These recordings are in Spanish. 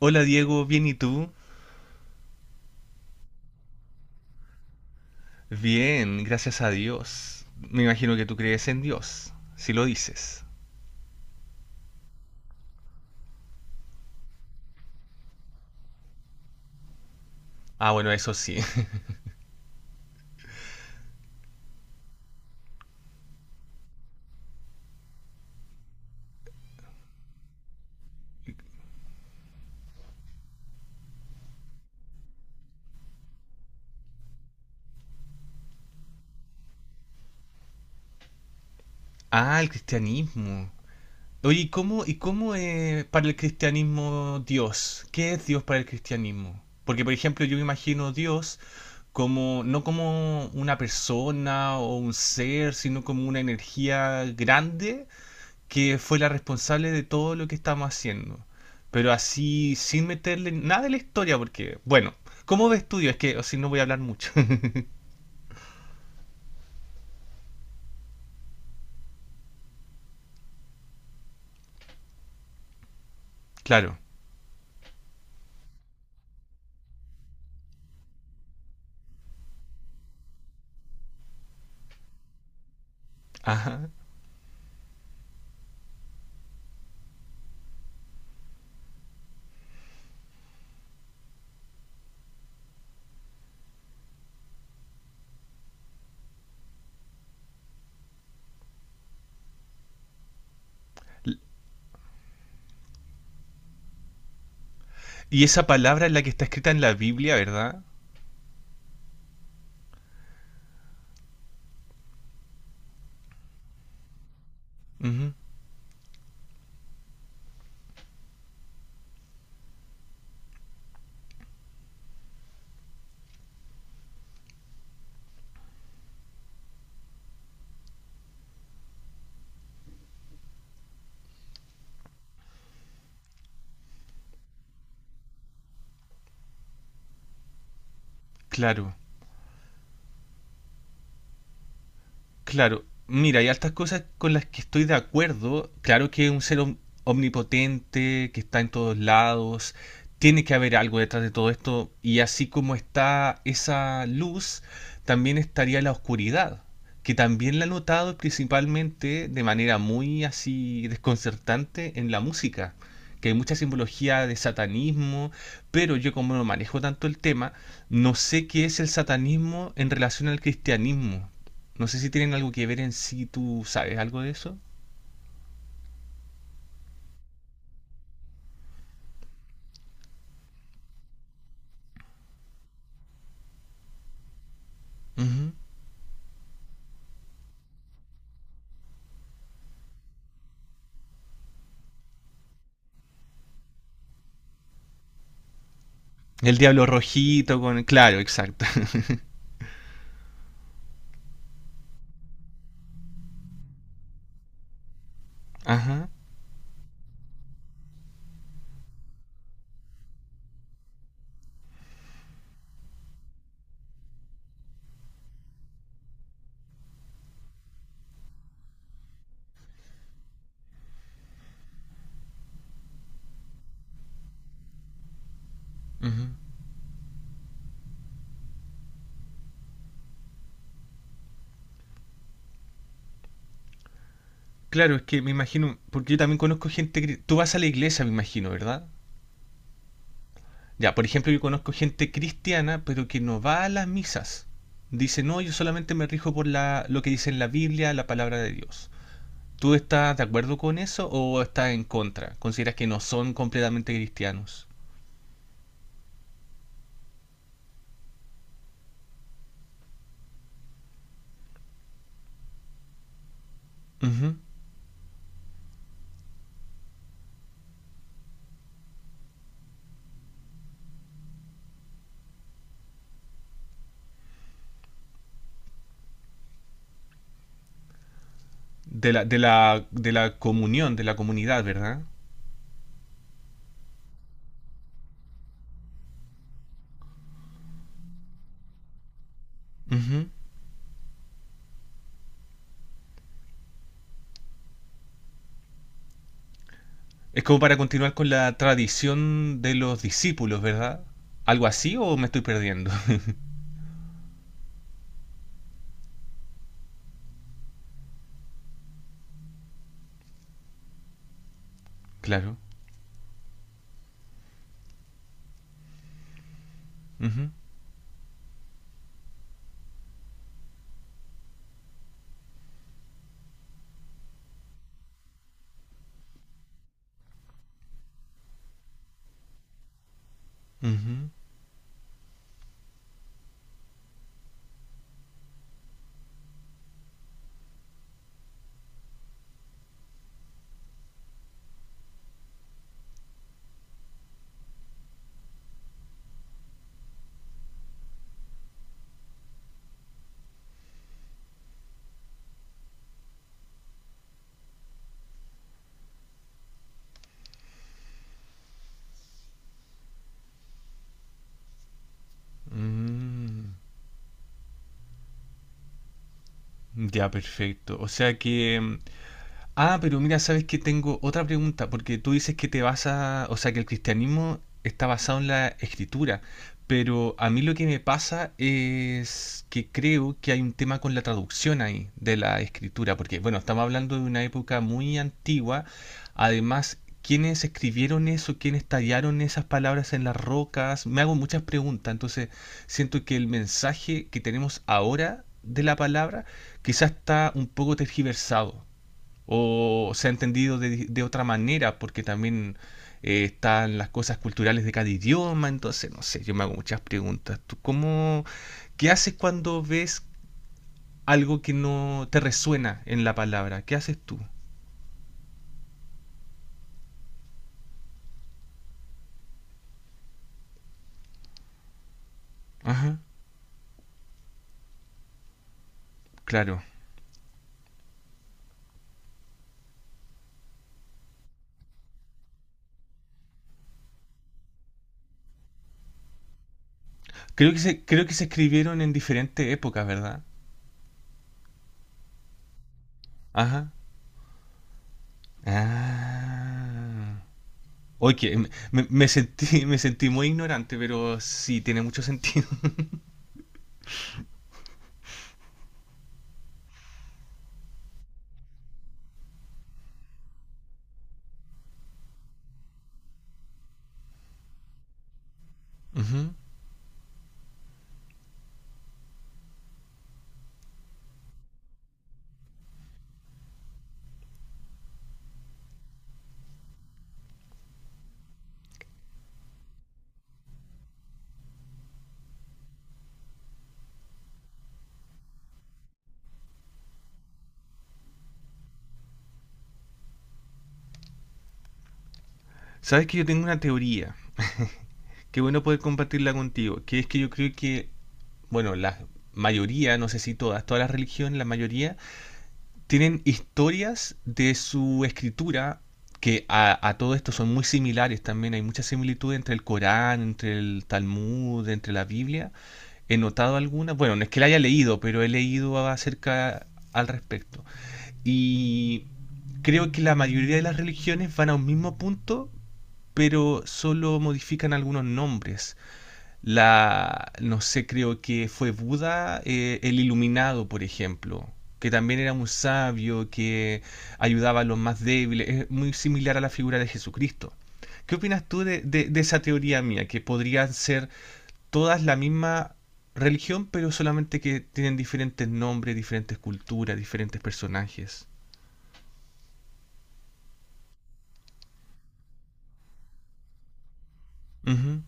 Hola Diego, bien y tú? Bien, gracias a Dios. Me imagino que tú crees en Dios, si lo dices. Ah, bueno, eso sí. Ah, el cristianismo. Oye, ¿y cómo es para el cristianismo Dios? ¿Qué es Dios para el cristianismo? Porque, por ejemplo, yo me imagino Dios como, no como una persona o un ser, sino como una energía grande que fue la responsable de todo lo que estamos haciendo. Pero así, sin meterle nada de la historia, porque, bueno, ¿cómo de estudio? Es que, o si no voy a hablar mucho. Claro. Ajá. Y esa palabra es la que está escrita en la Biblia, ¿verdad? Ujú. Claro. Claro, mira, hay altas cosas con las que estoy de acuerdo. Claro que es un ser omnipotente, que está en todos lados. Tiene que haber algo detrás de todo esto. Y así como está esa luz, también estaría la oscuridad, que también la he notado principalmente de manera muy así desconcertante en la música, que hay mucha simbología de satanismo, pero yo como no manejo tanto el tema, no sé qué es el satanismo en relación al cristianismo. No sé si tienen algo que ver en sí, tú sabes algo de eso. Ujú. El diablo rojito con... Claro, exacto. Ajá. Ujú. Claro, es que me imagino, porque yo también conozco gente... Tú vas a la iglesia, me imagino, ¿verdad? Ya, por ejemplo, yo conozco gente cristiana, pero que no va a las misas. Dice, no, yo solamente me rijo por la, lo que dice en la Biblia, la palabra de Dios. ¿Tú estás de acuerdo con eso o estás en contra? ¿Consideras que no son completamente cristianos? Ujú. De la comunión, de la comunidad, ¿verdad? Ujú. Es como para continuar con la tradición de los discípulos, ¿verdad? ¿Algo así o me estoy perdiendo? Claro. Ujú, ujú. Mm. Ya, perfecto. O sea que ah, pero mira, sabes que tengo otra pregunta, porque tú dices que te basa, o sea, que el cristianismo está basado en la escritura, pero a mí lo que me pasa es que creo que hay un tema con la traducción ahí de la escritura, porque bueno, estamos hablando de una época muy antigua, además, ¿quiénes escribieron eso? ¿Quiénes tallaron esas palabras en las rocas? Me hago muchas preguntas, entonces siento que el mensaje que tenemos ahora de la palabra quizás está un poco tergiversado o se ha entendido de otra manera, porque también están las cosas culturales de cada idioma, entonces no sé, yo me hago muchas preguntas. ¿Tú cómo, qué haces cuando ves algo que no te resuena en la palabra? ¿Qué haces tú? Ajá, claro. Creo que se escribieron en diferentes épocas, ¿verdad? Ajá. Ah. Oye, me, me sentí, me sentí muy ignorante, pero sí tiene mucho sentido. Ujú. Sabes que yo tengo una teoría. Qué bueno poder compartirla contigo. Que es que yo creo que, bueno, la mayoría, no sé si todas, todas las religiones, la mayoría, tienen historias de su escritura que a todo esto son muy similares también. Hay mucha similitud entre el Corán, entre el Talmud, entre la Biblia. He notado algunas, bueno, no es que la haya leído, pero he leído acerca al respecto. Y creo que la mayoría de las religiones van a un mismo punto, pero solo modifican algunos nombres. La, no sé, creo que fue Buda, el iluminado, por ejemplo, que también era un sabio, que ayudaba a los más débiles, es muy similar a la figura de Jesucristo. ¿Qué opinas tú de, de esa teoría mía, que podrían ser todas la misma religión, pero solamente que tienen diferentes nombres, diferentes culturas, diferentes personajes? Ujú,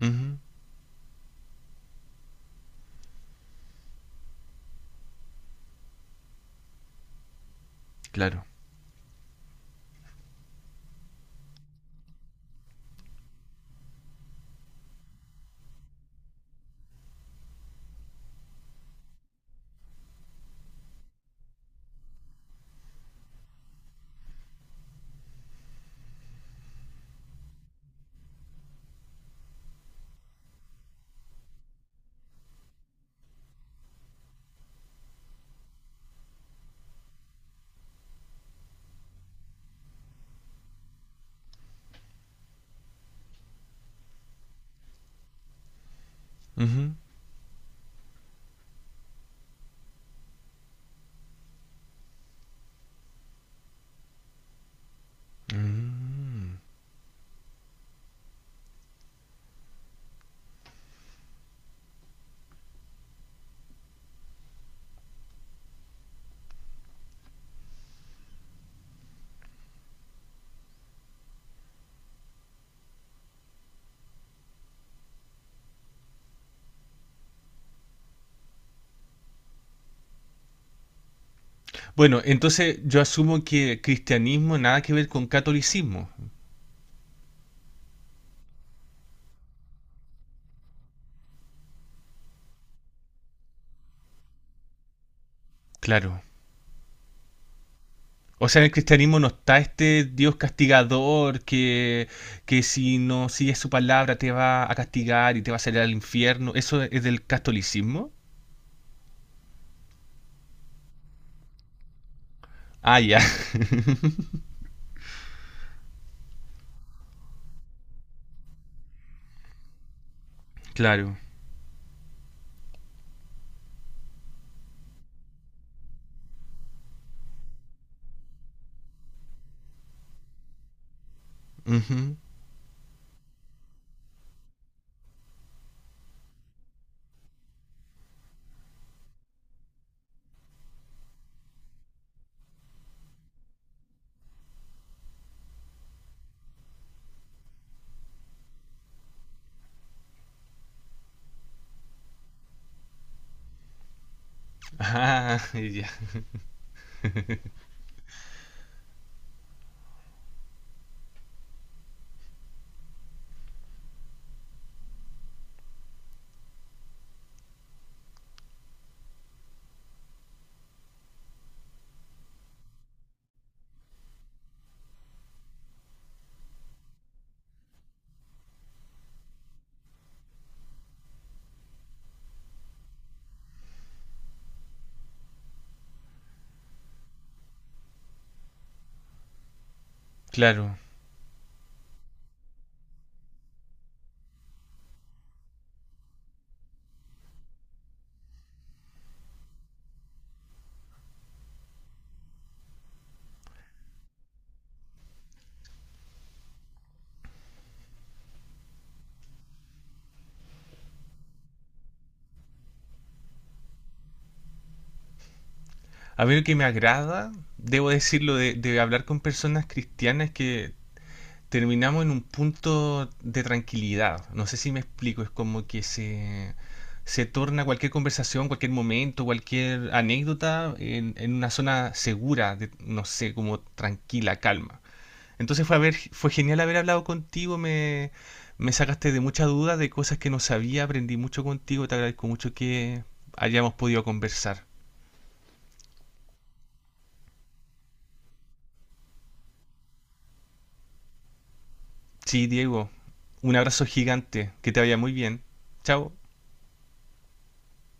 ujú, claro. Ujú, mm. Bueno, entonces yo asumo que cristianismo nada que ver con catolicismo. Claro. O sea, en el cristianismo no está este Dios castigador que si no sigues su palabra te va a castigar y te va a salir al infierno. ¿Eso es del catolicismo? Ah, ya, claro. Ujú. Ah, ya, claro. A mí lo que me agrada, debo decirlo, de hablar con personas cristianas que terminamos en un punto de tranquilidad. No sé si me explico, es como que se torna cualquier conversación, cualquier momento, cualquier anécdota en una zona segura, de, no sé, como tranquila, calma. Entonces fue, haber, fue genial haber hablado contigo, me sacaste de muchas dudas, de cosas que no sabía, aprendí mucho contigo, te agradezco mucho que hayamos podido conversar. Sí, Diego, un abrazo gigante, que te vaya muy bien. Chao.